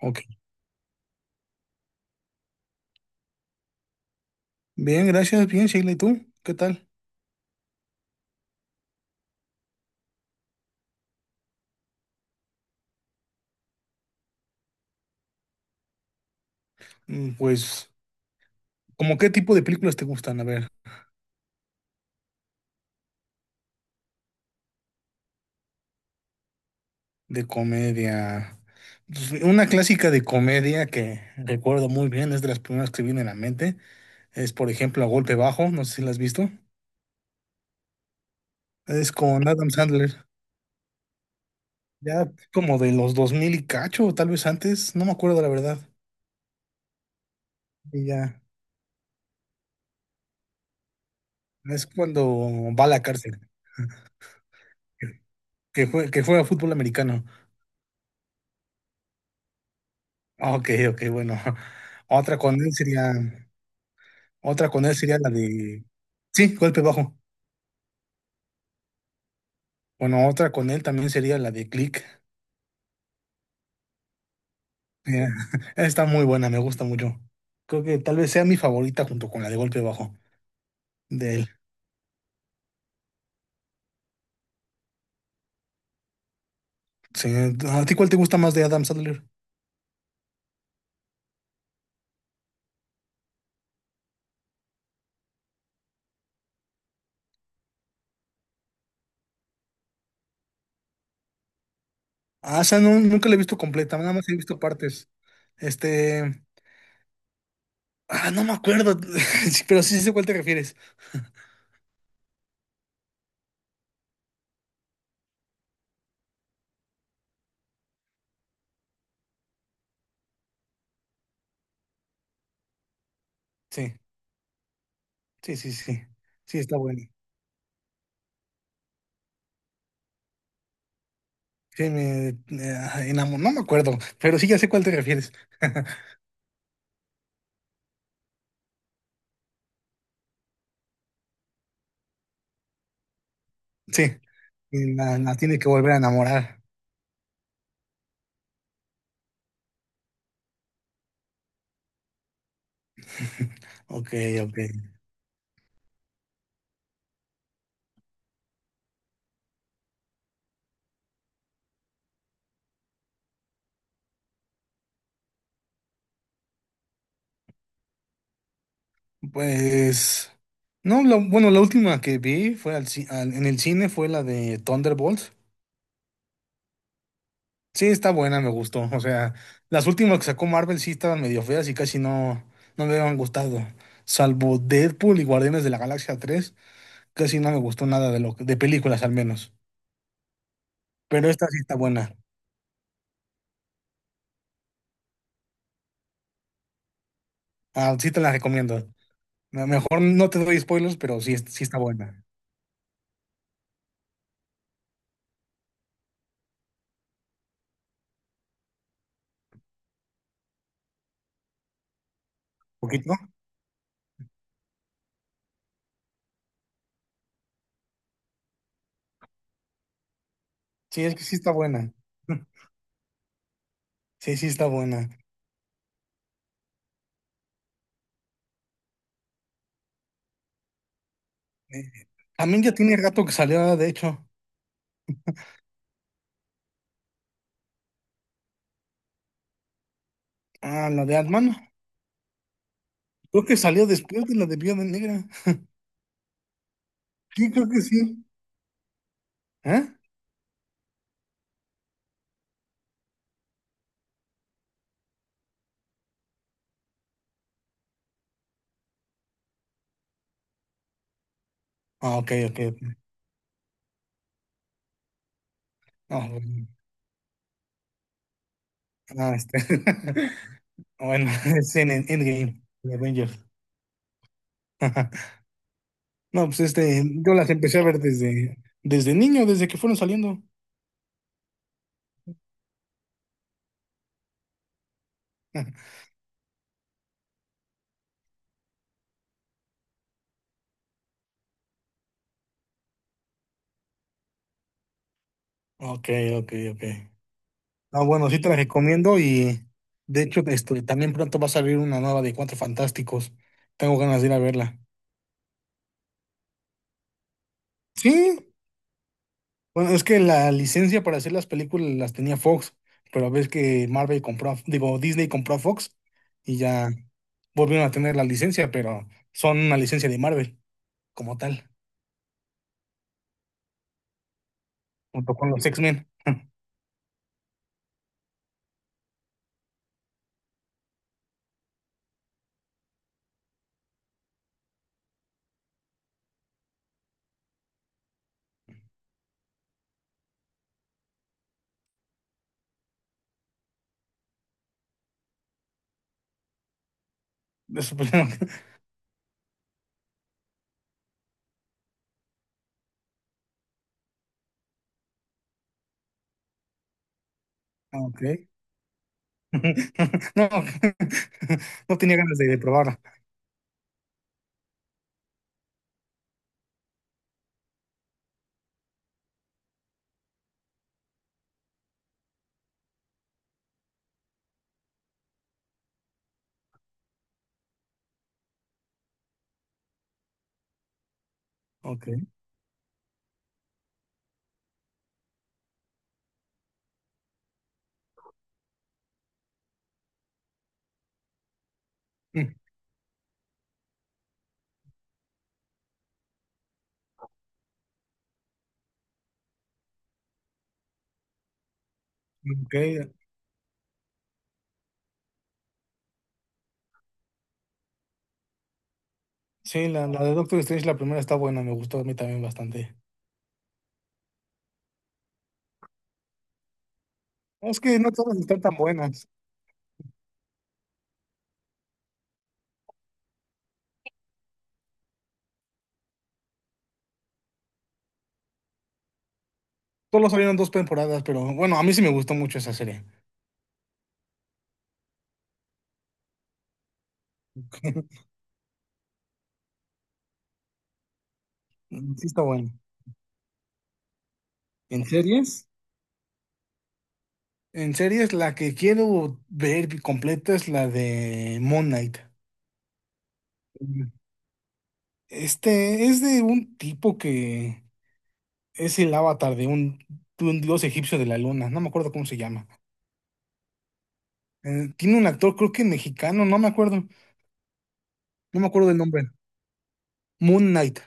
Ok. Bien, gracias. Bien, Sheila. ¿Y tú? ¿Qué tal? Pues, ¿cómo qué tipo de películas te gustan? A ver, de comedia. Pues, una clásica de comedia que recuerdo muy bien, es de las primeras que viene a la mente. Es, por ejemplo, A Golpe Bajo. No sé si la has visto. Es con Adam Sandler. Ya como de los 2000 y cacho, o tal vez antes. No me acuerdo la verdad. Y ya. Es cuando va a la cárcel. Que, que juega fútbol americano. Ah, ok, ok, bueno. Otra con él sería. Otra con él sería la de... Sí, golpe bajo. Bueno, otra con él también sería la de Click. Mira, está muy buena, me gusta mucho. Creo que tal vez sea mi favorita junto con la de golpe bajo de él. Sí, ¿a ti cuál te gusta más de Adam Sandler? Ah, esa no, nunca la he visto completa, nada más he visto partes. Este... Ah, no me acuerdo, sí, pero sí sé cuál te refieres. Sí, sí, sí, sí. Sí, está bueno. Sí, enamoró, no me acuerdo, pero sí ya sé cuál te refieres. Sí, y la tiene que volver a enamorar. Ok, ok. Pues, no, bueno, la última que vi fue en el cine fue la de Thunderbolts. Sí, está buena, me gustó. O sea, las últimas que sacó Marvel sí estaban medio feas y casi no me habían gustado. Salvo Deadpool y Guardianes de la Galaxia 3, casi no me gustó nada de de películas al menos. Pero esta sí está buena. Ah, sí te la recomiendo. Mejor no te doy spoilers, pero sí, sí está buena. ¿Poquito? Sí, es que sí está buena. Sí, sí está buena. Eh, también ya tiene rato que salió, de hecho. Ah, la de Ant-Man. Creo que salió después de la de Viuda Negra. Sí, creo que sí. ¿Eh? Ah, ok, ok, ok. Ah, bueno. Ah, Bueno, es en Endgame, de Avengers. No, pues yo las empecé a ver desde, desde niño, desde que fueron saliendo. Ok, ok, ok. No, bueno, sí te la recomiendo y de hecho también pronto va a salir una nueva de Cuatro Fantásticos. Tengo ganas de ir a verla. Sí, bueno, es que la licencia para hacer las películas las tenía Fox, pero ves que Marvel compró, digo, Disney compró a Fox y ya volvieron a tener la licencia, pero son una licencia de Marvel como tal, junto con los X-Men. Eso, pues, ah, ok. No, no tenía ganas de probarla. Ok. Mm, ok, sí, la de Doctor Strange, la primera está buena, me gustó a mí también bastante. No, es que no todas están tan buenas. Solo salieron dos temporadas, pero bueno, a mí sí me gustó mucho esa serie. Sí está buena. ¿En series? En series, la que quiero ver completa es la de Moon Knight. Este es de un tipo que es el avatar de un dios egipcio de la luna, no me acuerdo cómo se llama. Tiene un actor, creo que mexicano, no me acuerdo, no me acuerdo del nombre. Moon Knight.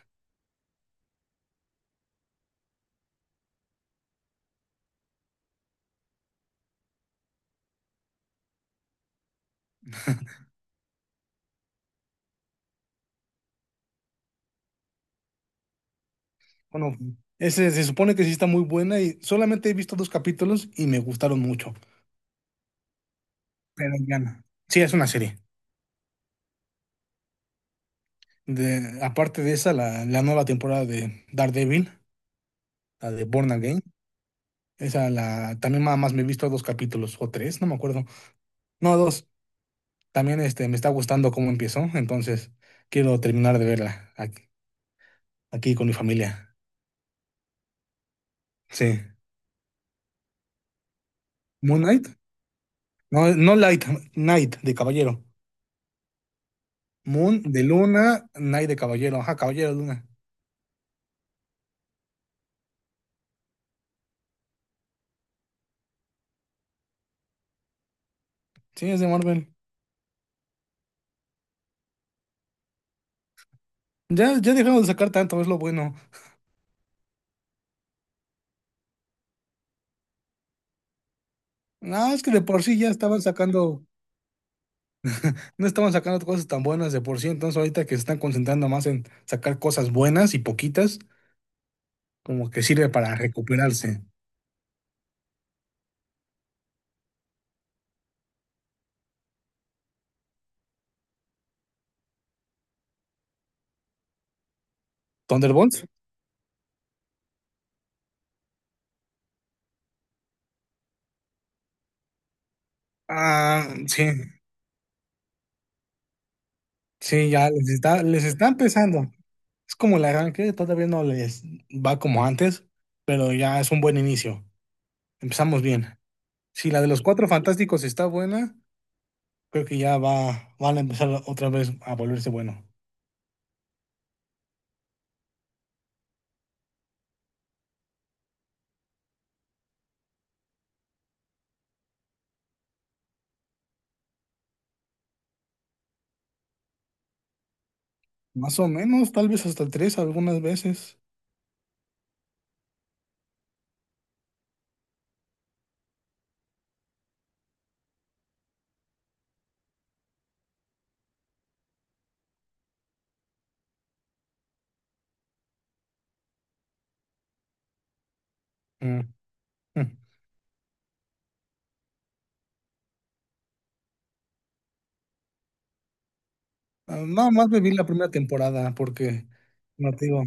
Bueno, ese se supone que sí está muy buena y solamente he visto dos capítulos y me gustaron mucho. Pero ya, no. Sí, es una serie. De, aparte de esa, la nueva temporada de Daredevil, la de Born Again, esa la también nada más me he visto dos capítulos o tres, no me acuerdo. No, dos. También me está gustando cómo empezó, entonces quiero terminar de verla aquí, aquí con mi familia. Sí. ¿Moon Knight? No, no Light, Knight de caballero. Moon de luna, Knight de caballero. Ajá, caballero de luna. Sí, es de Marvel. Ya, ya dejaron de sacar tanto, es lo bueno. No, es que de por sí ya estaban sacando, no estaban sacando cosas tan buenas de por sí, entonces ahorita que se están concentrando más en sacar cosas buenas y poquitas, como que sirve para recuperarse. ¿Thunderbolts? Ah, sí, sí, ya les está empezando. Es como el arranque, todavía no les va como antes, pero ya es un buen inicio. Empezamos bien. Si la de los Cuatro Fantásticos está buena, creo que ya va, van a empezar otra vez a volverse bueno. Más o menos, tal vez hasta tres algunas veces. Mm, mm. Ah, nada más me vi la primera temporada porque, no te digo,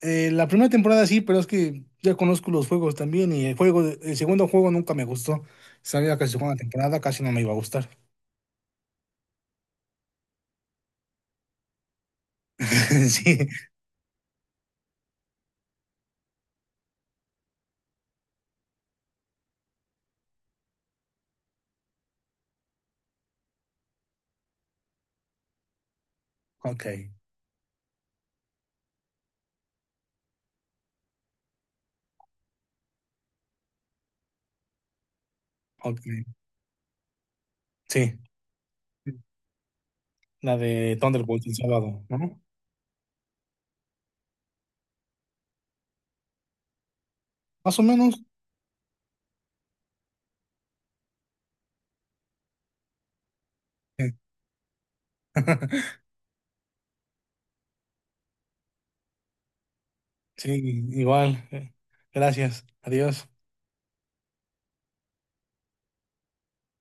la primera temporada sí, pero es que ya conozco los juegos también y el juego, el segundo juego nunca me gustó. Sabía que la segunda temporada casi no me iba a gustar. Sí, ok, ok, sí. La de Thunderbolt el sábado, ¿no? Más o menos. Sí, igual. Gracias. Adiós.